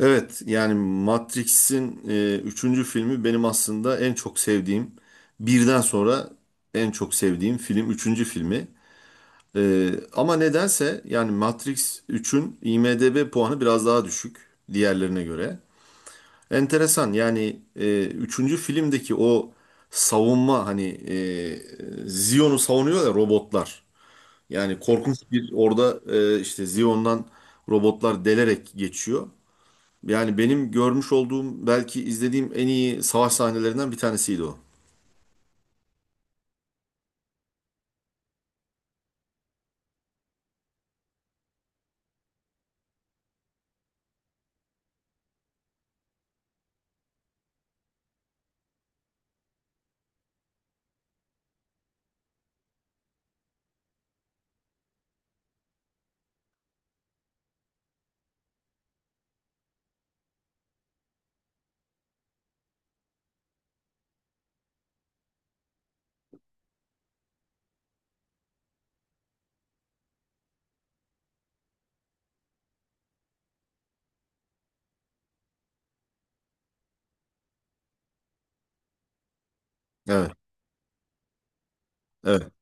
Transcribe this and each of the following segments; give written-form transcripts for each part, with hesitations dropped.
Evet yani Matrix'in üçüncü filmi benim aslında en çok sevdiğim birden sonra en çok sevdiğim film üçüncü filmi. E, ama nedense yani Matrix üçün IMDb puanı biraz daha düşük diğerlerine göre. Enteresan yani üçüncü filmdeki o savunma hani Zion'u savunuyor ya robotlar. Yani korkunç bir orada işte Zion'dan robotlar delerek geçiyor. Yani benim görmüş olduğum belki izlediğim en iyi savaş sahnelerinden bir tanesiydi o. Evet, evet.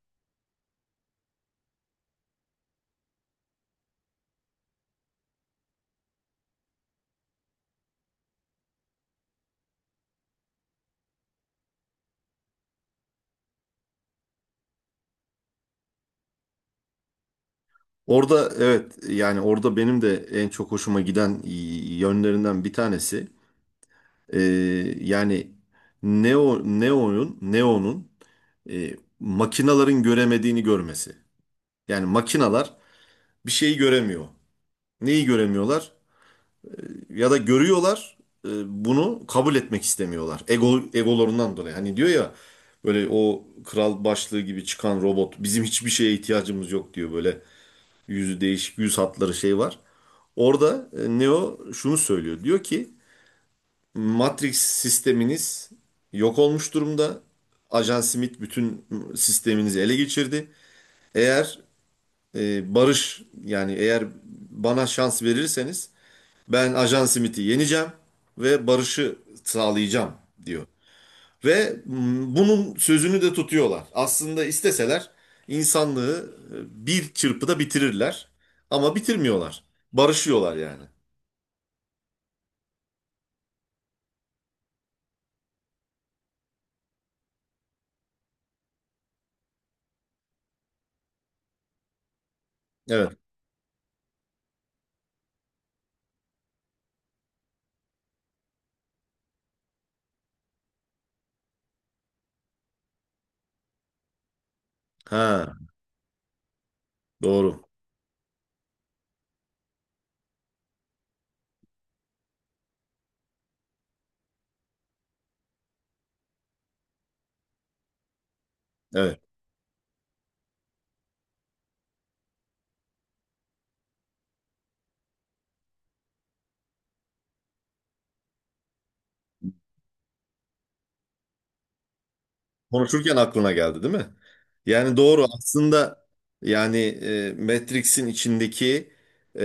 Orada evet yani orada benim de en çok hoşuma giden yönlerinden bir tanesi. Ee, yani Neo'nun e, makinaların göremediğini görmesi. Yani makinalar bir şeyi göremiyor. Neyi göremiyorlar? Ya da görüyorlar e, bunu kabul etmek istemiyorlar. Ego egolarından dolayı. Hani diyor ya böyle o kral başlığı gibi çıkan robot bizim hiçbir şeye ihtiyacımız yok diyor böyle yüzü değişik yüz hatları şey var. Orada Neo şunu söylüyor. Diyor ki Matrix sisteminiz yok olmuş durumda. Ajan Smith bütün sisteminizi ele geçirdi. Eğer e, barış yani eğer bana şans verirseniz ben Ajan Smith'i yeneceğim ve barışı sağlayacağım diyor. Ve bunun sözünü de tutuyorlar. Aslında isteseler insanlığı bir çırpıda bitirirler. Ama bitirmiyorlar. Barışıyorlar yani. Evet. Ha, doğru. Evet. Konuşurken aklına geldi değil mi? Yani doğru aslında yani Matrix'in içindeki e,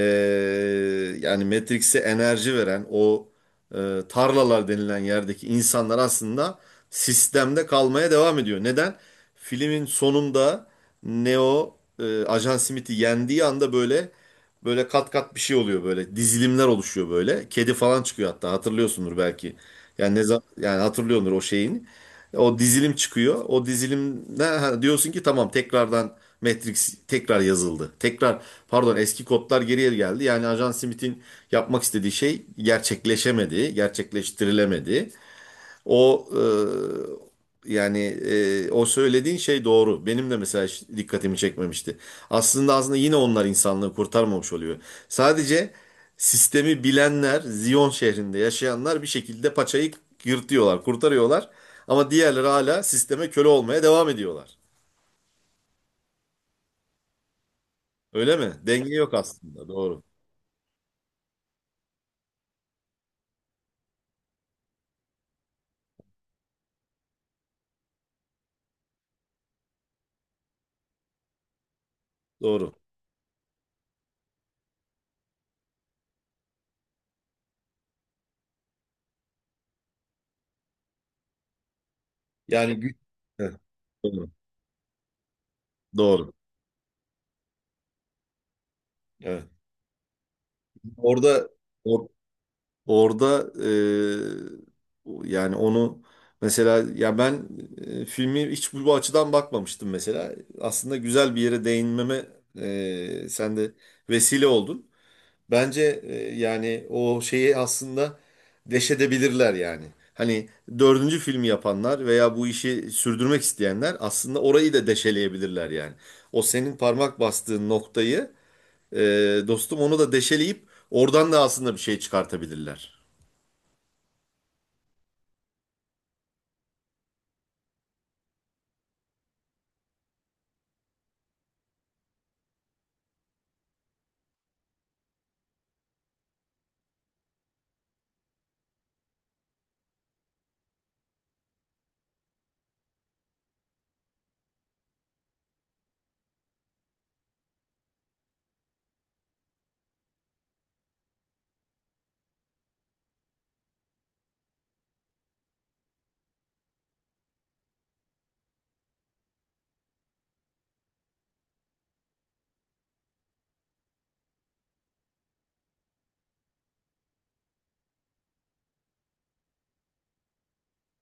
yani Matrix'e enerji veren o tarlalar denilen yerdeki insanlar aslında sistemde kalmaya devam ediyor. Neden? Filmin sonunda Neo Ajan Smith'i yendiği anda böyle kat kat bir şey oluyor böyle dizilimler oluşuyor böyle. Kedi falan çıkıyor hatta hatırlıyorsundur belki. Yani ne zaman yani hatırlıyordur o şeyini. O dizilim çıkıyor. O dizilimde ha, diyorsun ki tamam tekrardan Matrix tekrar yazıldı. Tekrar pardon eski kodlar geriye geldi. Yani Ajan Smith'in yapmak istediği şey gerçekleşemedi, gerçekleştirilemedi. O yani o söylediğin şey doğru. Benim de mesela hiç dikkatimi çekmemişti. Aslında yine onlar insanlığı kurtarmamış oluyor. Sadece sistemi bilenler, Ziyon şehrinde yaşayanlar bir şekilde paçayı yırtıyorlar, kurtarıyorlar. Ama diğerleri hala sisteme köle olmaya devam ediyorlar. Öyle mi? Denge yok aslında. Doğru. Doğru. Yani güç. Heh, doğru. Doğru. Evet. Orada or- orada yani onu mesela ya ben filmi hiç bu açıdan bakmamıştım mesela. Aslında güzel bir yere değinmeme sen de vesile oldun. Bence yani o şeyi aslında deşedebilirler yani. Hani dördüncü filmi yapanlar veya bu işi sürdürmek isteyenler aslında orayı da deşeleyebilirler yani. O senin parmak bastığın noktayı e, dostum onu da deşeleyip oradan da aslında bir şey çıkartabilirler.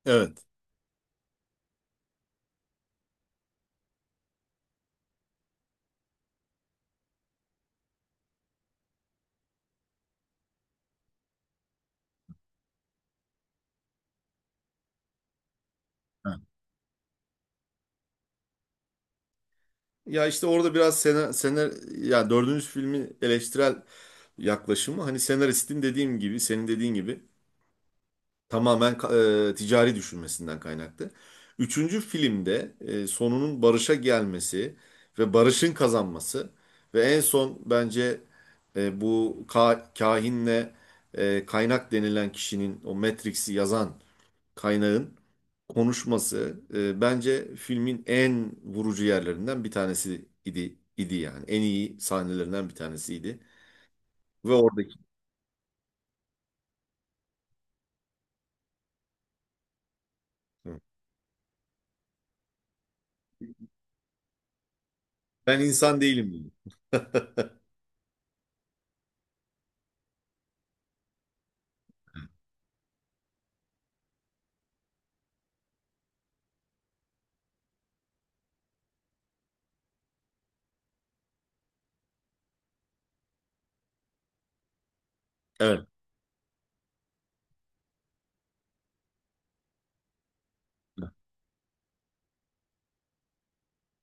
Evet. Ha. Ya işte orada biraz senar, senar ya dördüncü filmin eleştirel yaklaşımı hani senaristin dediğim gibi senin dediğin gibi tamamen ticari düşünmesinden kaynaklı. Üçüncü filmde sonunun barışa gelmesi ve barışın kazanması ve en son bence bu kahinle kaynak denilen kişinin o Matrix'i yazan kaynağın konuşması bence filmin en vurucu yerlerinden bir tanesi idi yani. En iyi sahnelerinden bir tanesiydi. Ve oradaki ben insan değilim dedi. Evet.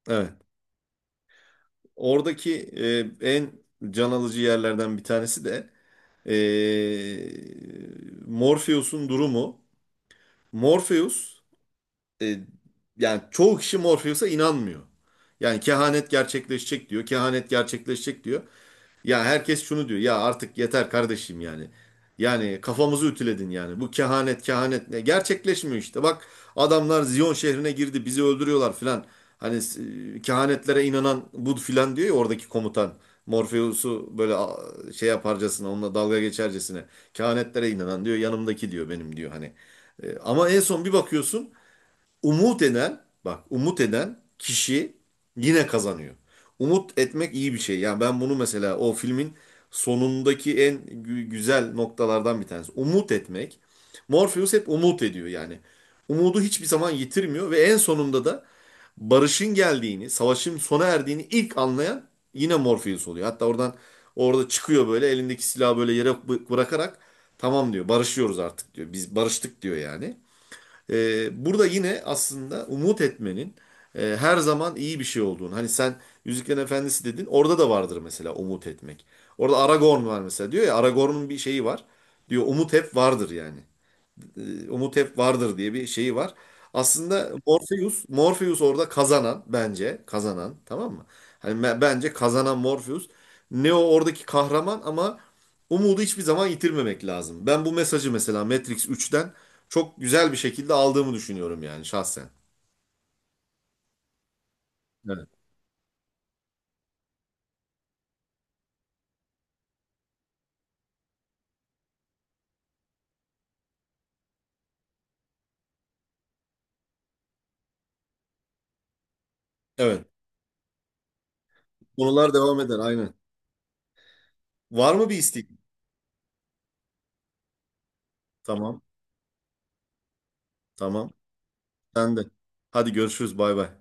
Evet. Oradaki en can alıcı yerlerden bir tanesi de e, Morpheus'un durumu. Morpheus e, yani çoğu kişi Morpheus'a inanmıyor. Yani kehanet gerçekleşecek diyor, kehanet gerçekleşecek diyor. Ya herkes şunu diyor. Ya artık yeter kardeşim yani. Yani kafamızı ütüledin yani. Bu kehanet kehanet ne? Gerçekleşmiyor işte. Bak adamlar Ziyon şehrine girdi. Bizi öldürüyorlar filan. Hani kehanetlere inanan bu filan diyor ya oradaki komutan. Morpheus'u böyle şey yaparcasına onunla dalga geçercesine. Kehanetlere inanan diyor yanımdaki diyor benim diyor hani. Ama en son bir bakıyorsun umut eden bak umut eden kişi yine kazanıyor. Umut etmek iyi bir şey. Yani ben bunu mesela o filmin sonundaki en güzel noktalardan bir tanesi. Umut etmek. Morpheus hep umut ediyor yani. Umudu hiçbir zaman yitirmiyor ve en sonunda da barışın geldiğini, savaşın sona erdiğini ilk anlayan yine Morpheus oluyor. Hatta oradan orada çıkıyor böyle elindeki silahı böyle yere bırakarak tamam diyor barışıyoruz artık diyor. Biz barıştık diyor yani. Burada yine aslında umut etmenin her zaman iyi bir şey olduğunu. Hani sen Yüzüklerin Efendisi dedin. Orada da vardır mesela umut etmek. Orada Aragorn var mesela diyor ya Aragorn'un bir şeyi var. Diyor umut hep vardır yani umut hep vardır diye bir şeyi var. Aslında Morpheus orada kazanan bence kazanan tamam mı? Hani bence kazanan Morpheus. Neo oradaki kahraman ama umudu hiçbir zaman yitirmemek lazım. Ben bu mesajı mesela Matrix 3'ten çok güzel bir şekilde aldığımı düşünüyorum yani şahsen. Evet. Evet. Konular devam eder aynen. Var mı bir istek? Tamam. Tamam. Sen de. Hadi görüşürüz. Bay bay.